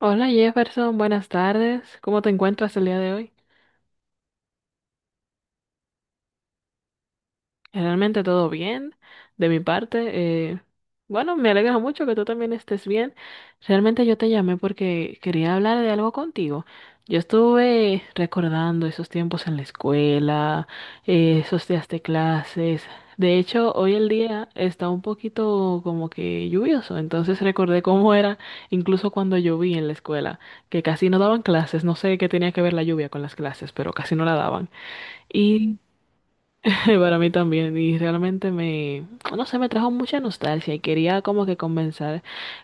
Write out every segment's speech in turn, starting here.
Hola Jefferson, buenas tardes. ¿Cómo te encuentras el día de hoy? Realmente todo bien de mi parte. Bueno, me alegra mucho que tú también estés bien. Realmente yo te llamé porque quería hablar de algo contigo. Yo estuve recordando esos tiempos en la escuela, esos días de clases. De hecho, hoy el día está un poquito como que lluvioso, entonces recordé cómo era incluso cuando lloví en la escuela, que casi no daban clases. No sé qué tenía que ver la lluvia con las clases, pero casi no la daban. Y para mí también, y no sé, me trajo mucha nostalgia y quería como que conversar,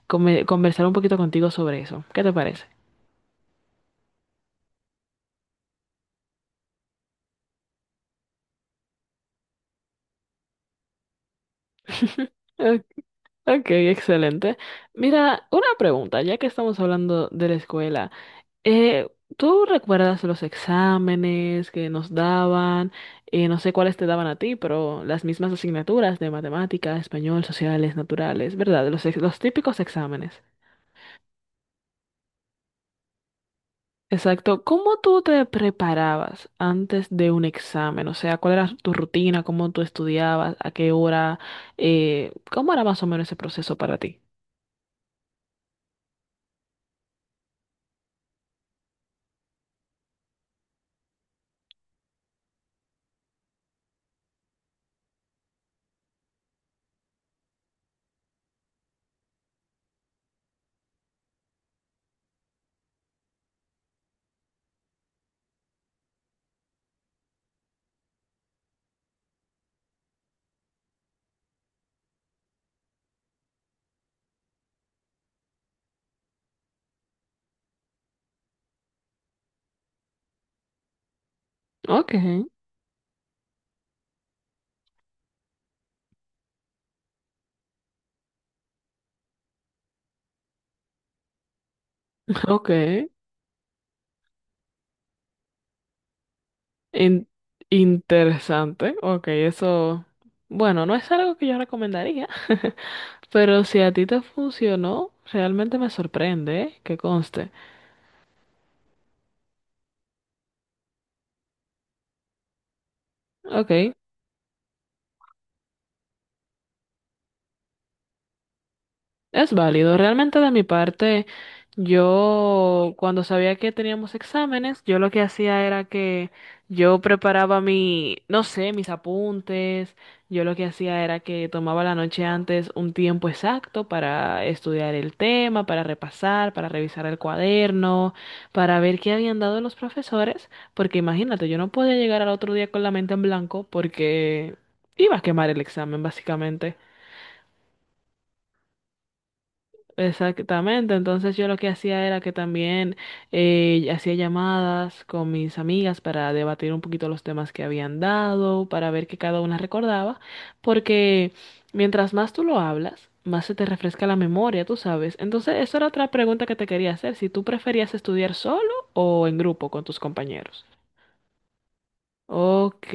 conversar un poquito contigo sobre eso. ¿Qué te parece? Ok, ok, excelente. Mira, una pregunta, ya que estamos hablando de la escuela, eh, ¿tú recuerdas los exámenes que nos daban? No sé cuáles te daban a ti, pero las mismas asignaturas de matemáticas, español, sociales, naturales, ¿verdad? Los típicos exámenes. Exacto. ¿Cómo tú te preparabas antes de un examen? O sea, ¿cuál era tu rutina? ¿Cómo tú estudiabas? ¿A qué hora? ¿Cómo era más o menos ese proceso para ti? Ok, ok. In- Interesante. Ok, eso, bueno, no es algo que yo recomendaría, pero si a ti te funcionó, realmente me sorprende, ¿eh? Que conste. Ok. Es válido. Realmente de mi parte, yo cuando sabía que teníamos exámenes, yo lo que hacía era que no sé, mis apuntes. Yo lo que hacía era que tomaba la noche antes un tiempo exacto para estudiar el tema, para repasar, para revisar el cuaderno, para ver qué habían dado los profesores, porque imagínate, yo no podía llegar al otro día con la mente en blanco porque iba a quemar el examen, básicamente. Exactamente, entonces yo lo que hacía era que también hacía llamadas con mis amigas para debatir un poquito los temas que habían dado, para ver qué cada una recordaba, porque mientras más tú lo hablas, más se te refresca la memoria, tú sabes. Entonces, esa era otra pregunta que te quería hacer, si tú preferías estudiar solo o en grupo con tus compañeros. Ok.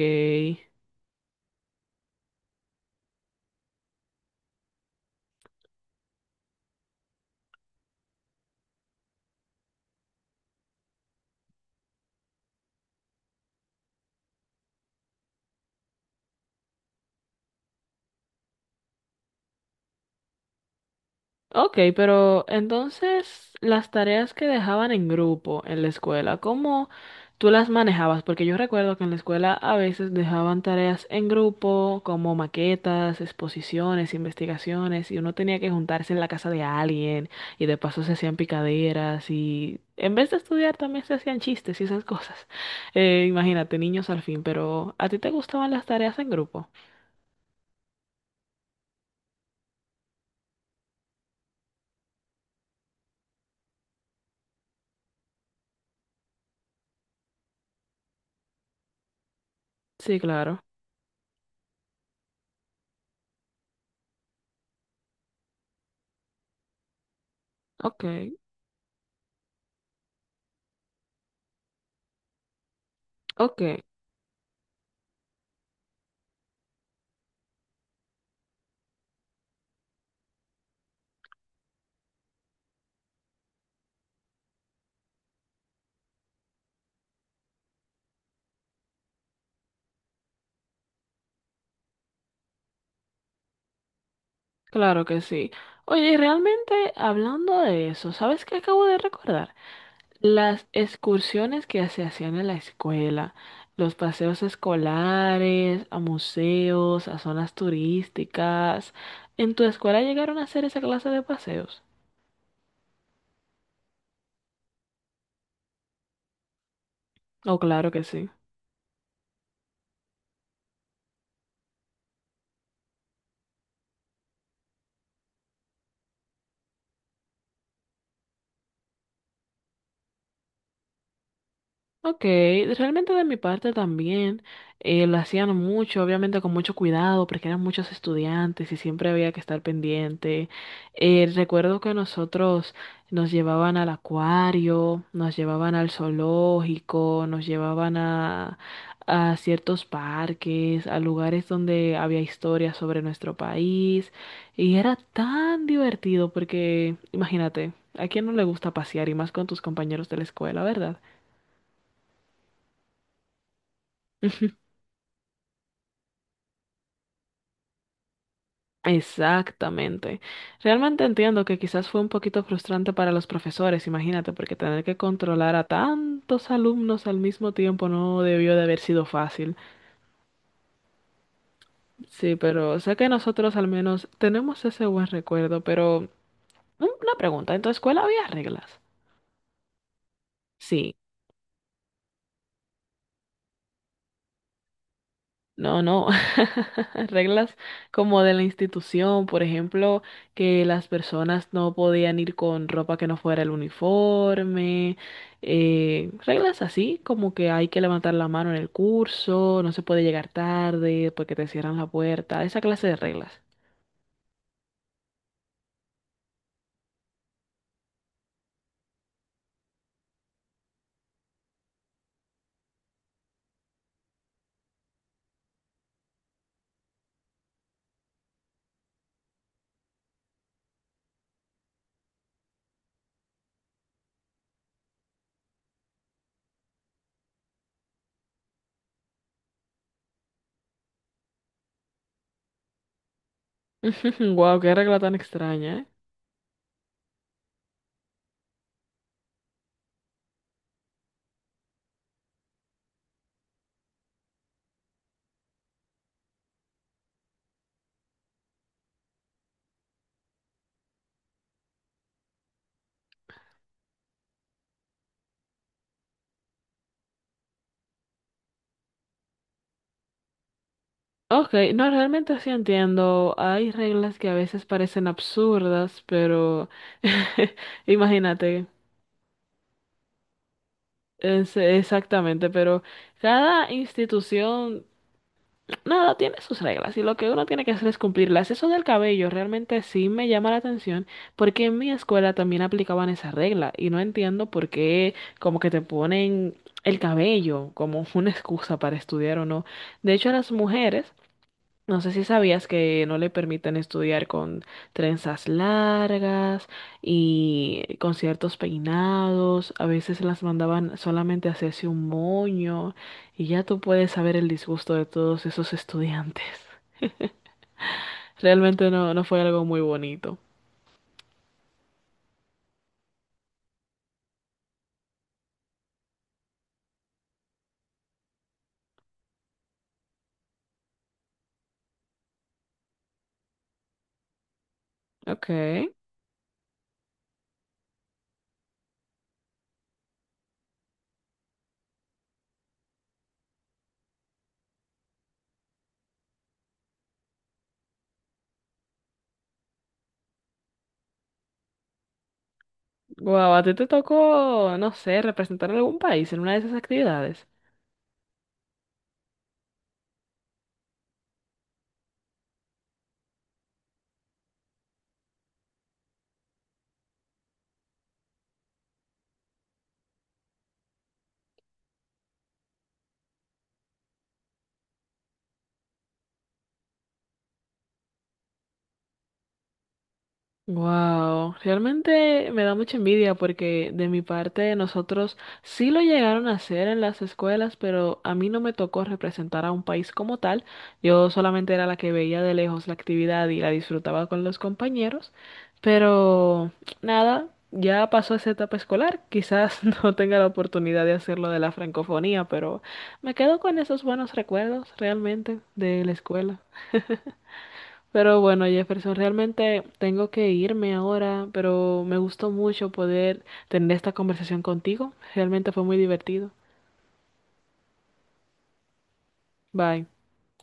Ok, pero entonces las tareas que dejaban en grupo en la escuela, ¿cómo tú las manejabas? Porque yo recuerdo que en la escuela a veces dejaban tareas en grupo, como maquetas, exposiciones, investigaciones, y uno tenía que juntarse en la casa de alguien, y de paso se hacían picaderas, y en vez de estudiar también se hacían chistes y esas cosas. Imagínate, niños al fin, pero ¿a ti te gustaban las tareas en grupo? Sí, claro. Ok, ok. Claro que sí. Oye, y realmente hablando de eso, ¿sabes qué acabo de recordar? Las excursiones que se hacían en la escuela, los paseos escolares, a museos, a zonas turísticas. ¿En tu escuela llegaron a hacer esa clase de paseos? Oh, claro que sí. Ok, realmente de mi parte también lo hacían mucho, obviamente con mucho cuidado, porque eran muchos estudiantes y siempre había que estar pendiente. Recuerdo que nosotros nos llevaban al acuario, nos llevaban al zoológico, nos llevaban a ciertos parques, a lugares donde había historias sobre nuestro país. Y era tan divertido porque, imagínate, ¿a quién no le gusta pasear y más con tus compañeros de la escuela, verdad? Exactamente. Realmente entiendo que quizás fue un poquito frustrante para los profesores, imagínate, porque tener que controlar a tantos alumnos al mismo tiempo no debió de haber sido fácil. Sí, pero sé que nosotros al menos tenemos ese buen recuerdo, pero una pregunta, ¿en tu escuela había reglas? Sí. No, no. Reglas como de la institución, por ejemplo, que las personas no podían ir con ropa que no fuera el uniforme. Reglas así, como que hay que levantar la mano en el curso, no se puede llegar tarde porque te cierran la puerta, esa clase de reglas. Wow, qué regla tan extraña, ¿eh? Ok, no, realmente sí entiendo. Hay reglas que a veces parecen absurdas, pero imagínate. Exactamente, pero cada institución, nada, tiene sus reglas y lo que uno tiene que hacer es cumplirlas. Eso del cabello realmente sí me llama la atención porque en mi escuela también aplicaban esa regla y no entiendo por qué como que te ponen el cabello como una excusa para estudiar o no. De hecho, a las mujeres no sé si sabías que no le permiten estudiar con trenzas largas y con ciertos peinados. A veces las mandaban solamente a hacerse un moño y ya tú puedes saber el disgusto de todos esos estudiantes. Realmente no, no fue algo muy bonito. Ok. Guau, ¿a ti te tocó, no sé, representar a algún país en una de esas actividades? Wow, realmente me da mucha envidia porque de mi parte nosotros sí lo llegaron a hacer en las escuelas, pero a mí no me tocó representar a un país como tal. Yo solamente era la que veía de lejos la actividad y la disfrutaba con los compañeros, pero nada, ya pasó esa etapa escolar. Quizás no tenga la oportunidad de hacerlo de la francofonía, pero me quedo con esos buenos recuerdos realmente de la escuela. Pero bueno, Jefferson, realmente tengo que irme ahora, pero me gustó mucho poder tener esta conversación contigo. Realmente fue muy divertido. Bye.